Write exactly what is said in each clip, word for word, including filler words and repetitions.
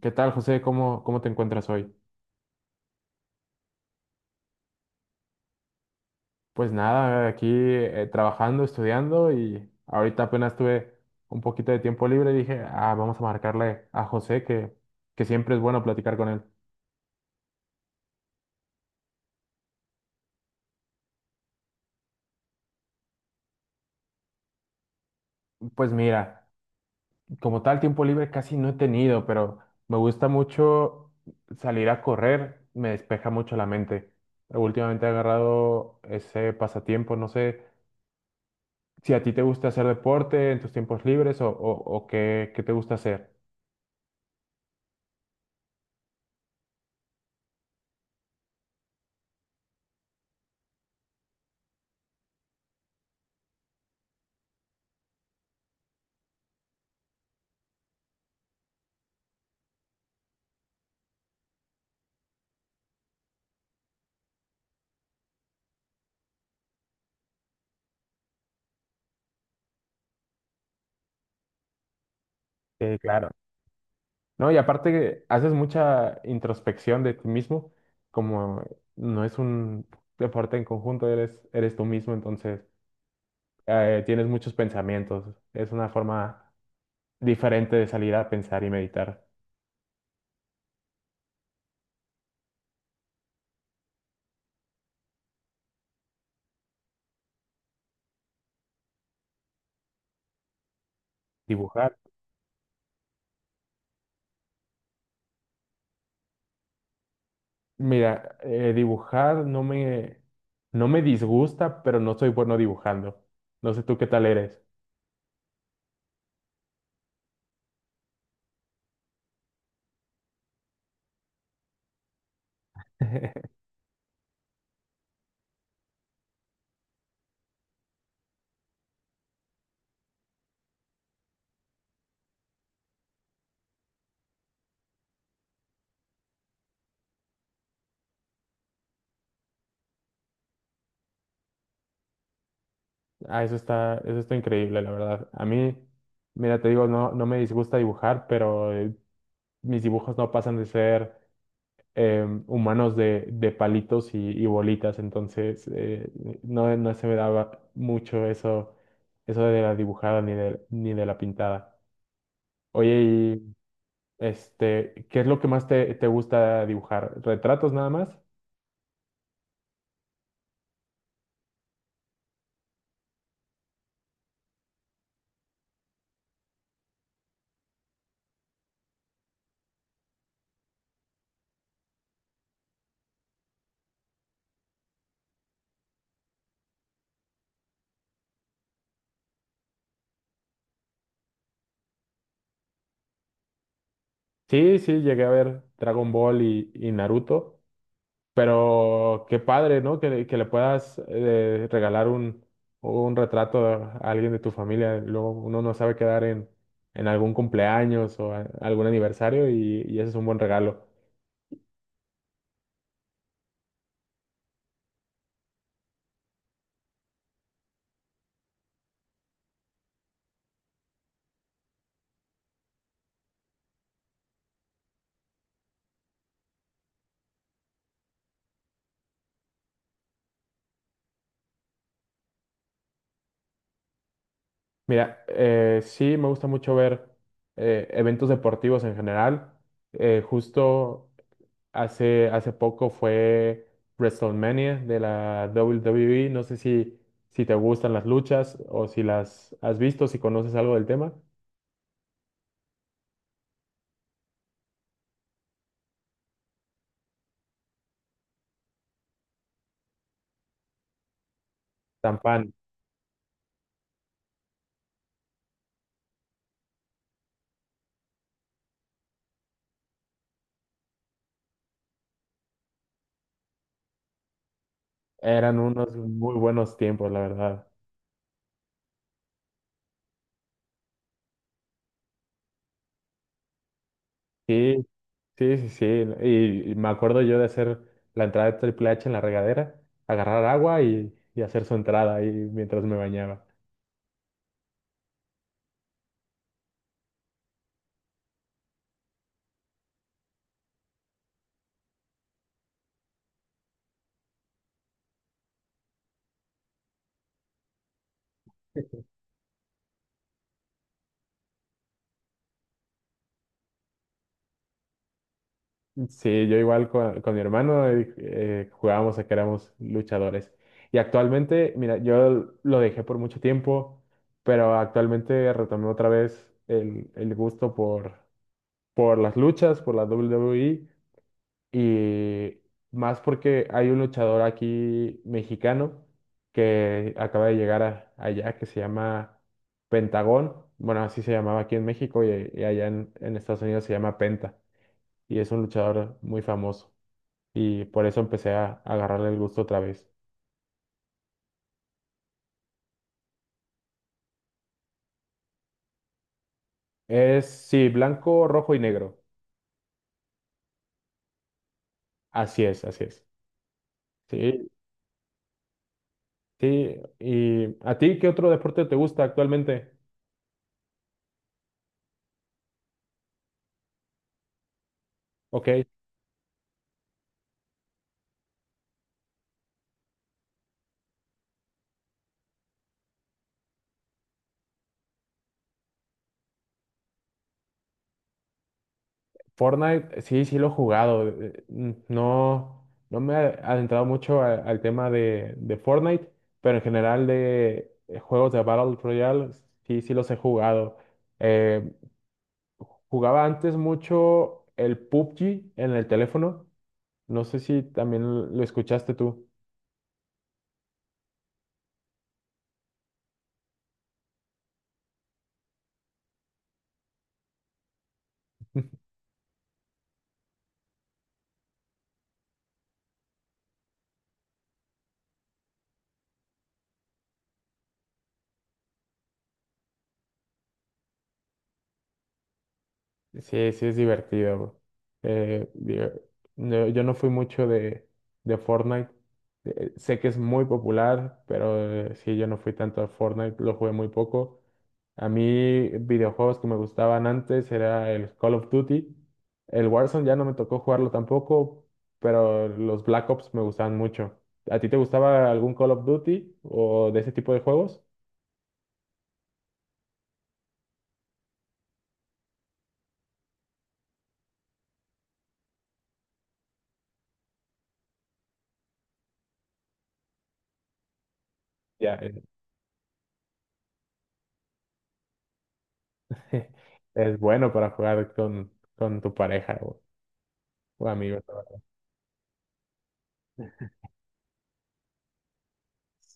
¿Qué tal, José? ¿Cómo, cómo te encuentras hoy? Pues nada, aquí eh, trabajando, estudiando y ahorita apenas tuve un poquito de tiempo libre y dije, ah, vamos a marcarle a José que, que siempre es bueno platicar con él. Pues mira, como tal tiempo libre casi no he tenido, pero me gusta mucho salir a correr, me despeja mucho la mente. Últimamente he agarrado ese pasatiempo, no sé si a ti te gusta hacer deporte en tus tiempos libres o, o- o qué, qué te gusta hacer. Sí, claro. No, y aparte que haces mucha introspección de ti mismo, como no es un deporte en conjunto, eres, eres tú mismo, entonces eh, tienes muchos pensamientos. Es una forma diferente de salir a pensar y meditar. Dibujar. Mira, eh, dibujar no me, no me disgusta, pero no soy bueno dibujando. No sé tú qué tal eres. Ah, eso está, eso está increíble, la verdad. A mí, mira, te digo, no, no me disgusta dibujar, pero eh, mis dibujos no pasan de ser em, humanos de, de palitos y, y bolitas, entonces eh, no, no se me daba mucho eso, eso de la dibujada ni de, ni de la pintada. Oye, y este, ¿qué es lo que más te, te gusta dibujar? ¿Retratos nada más? Sí, sí, llegué a ver Dragon Ball y, y Naruto. Pero qué padre, ¿no? Que, le que le puedas eh, regalar un, un retrato a alguien de tu familia. Luego uno no sabe quedar en, en algún cumpleaños o a- algún aniversario y, y ese es un buen regalo. Mira, eh, sí me gusta mucho ver eh, eventos deportivos en general. Eh, justo hace, hace poco fue WrestleMania de la W W E. No sé si, si te gustan las luchas o si las has visto, si conoces algo del tema. Tampoco. Eran unos muy buenos tiempos, la verdad. Sí, sí, sí, sí. Y, y me acuerdo yo de hacer la entrada de Triple H en la regadera, agarrar agua y, y hacer su entrada ahí mientras me bañaba. Sí, yo igual con, con mi hermano eh, eh, jugábamos a que éramos luchadores. Y actualmente, mira, yo lo dejé por mucho tiempo, pero actualmente retomé otra vez el, el gusto por, por las luchas, por la W W E. Y más porque hay un luchador aquí mexicano que acaba de llegar a- allá que se llama Pentagón. Bueno, así se llamaba aquí en México y, y allá en, en Estados Unidos se llama Penta. Y es un luchador muy famoso. Y por eso empecé a, a agarrarle el gusto otra vez. Es, sí, blanco, rojo y negro. Así es, así es. Sí, sí. ¿Y a ti qué otro deporte te gusta actualmente? Ok. Fortnite, sí, sí lo he jugado. eh, n- No, no me he adentrado mucho a- al tema de, de Fortnite, pero en general de eh, juegos de Battle Royale, sí, sí los he jugado. Eh, jugaba antes mucho el P U B G en el teléfono. No sé si también lo escuchaste tú. Sí, sí es divertido, bro. Eh, digo, no- yo no fui mucho de, de Fortnite. Eh, sé que es muy popular, pero eh, sí, yo no fui tanto a Fortnite, lo jugué muy poco. A mí, videojuegos que me gustaban antes era el Call of Duty. El Warzone ya no me tocó jugarlo tampoco, pero los Black Ops me gustaban mucho. ¿A ti te gustaba algún Call of Duty o de ese tipo de juegos? Ya, eh, es bueno para jugar con, con tu pareja o, o amigos, ¿no?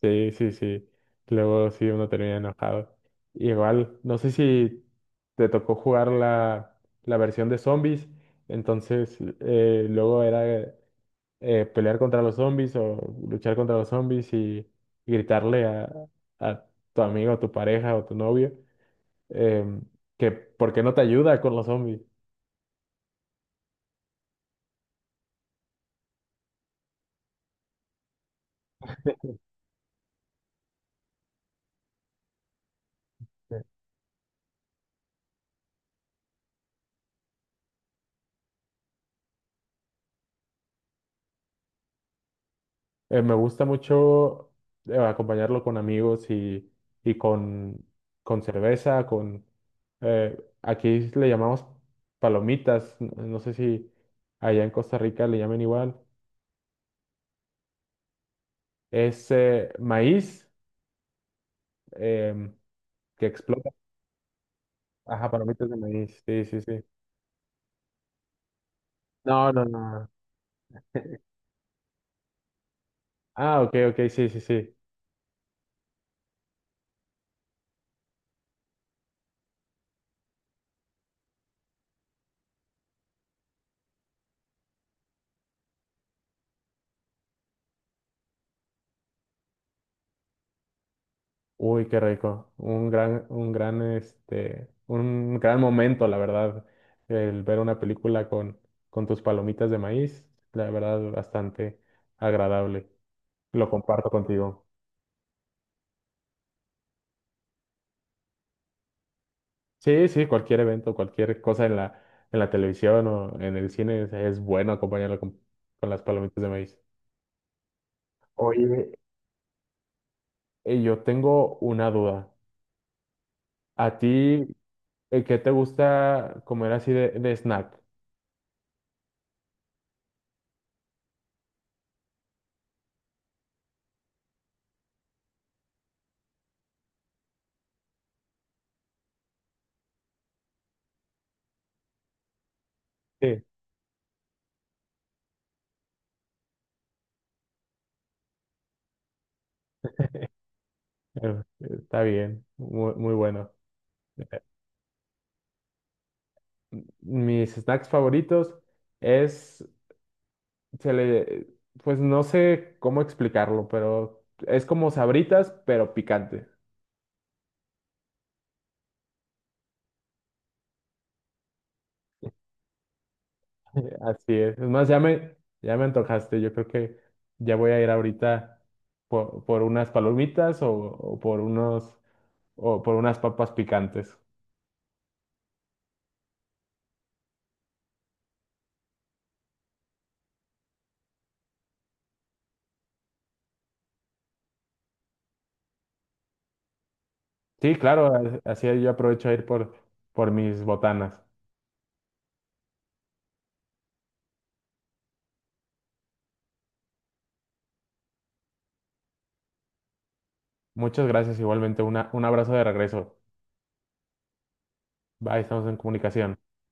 Sí, sí, sí. Luego sí uno termina enojado. Igual, no sé si te tocó jugar la, la versión de zombies, entonces eh, luego era eh, pelear contra los zombies o luchar contra los zombies y gritarle a, a tu amigo, tu pareja o tu novio em, que por qué no te ayuda con los zombies. Eh, me gusta mucho eh, acompañarlo con amigos y, y con, con cerveza, con... eh, aquí le llamamos palomitas, n- no sé si allá en Costa Rica le llamen igual. Es eh, maíz em, que explota. Ajá, palomitas de maíz, sí, sí, sí. No, no, no. Ah, ok, ok, sí, sí, sí. Uy, qué rico. Un gran, un gran, este, un gran momento, la verdad, el ver una película con, con tus palomitas de maíz, la verdad, bastante agradable. Lo comparto contigo. Sí, sí, cualquier evento, cualquier cosa en la, en la televisión o en el cine es, es bueno acompañarlo con, con las palomitas de maíz. Oye, eh, yo tengo una duda. ¿A ti, eh, qué te gusta comer así de, de snack? Sí, eh, está bien, muy, muy bueno. Mis snacks favoritos es, se le, pues no sé cómo explicarlo, pero es como Sabritas, pero picante. Eh, así es. Es más, ya me, ya me antojaste. Yo creo que ya voy a ir ahorita por, por unas palomitas o, o por unos, o por unas papas picantes. Sí, claro, a- así yo aprovecho a ir por, por mis botanas. Muchas gracias, igualmente. Una, un abrazo de regreso. Bye, estamos en comunicación.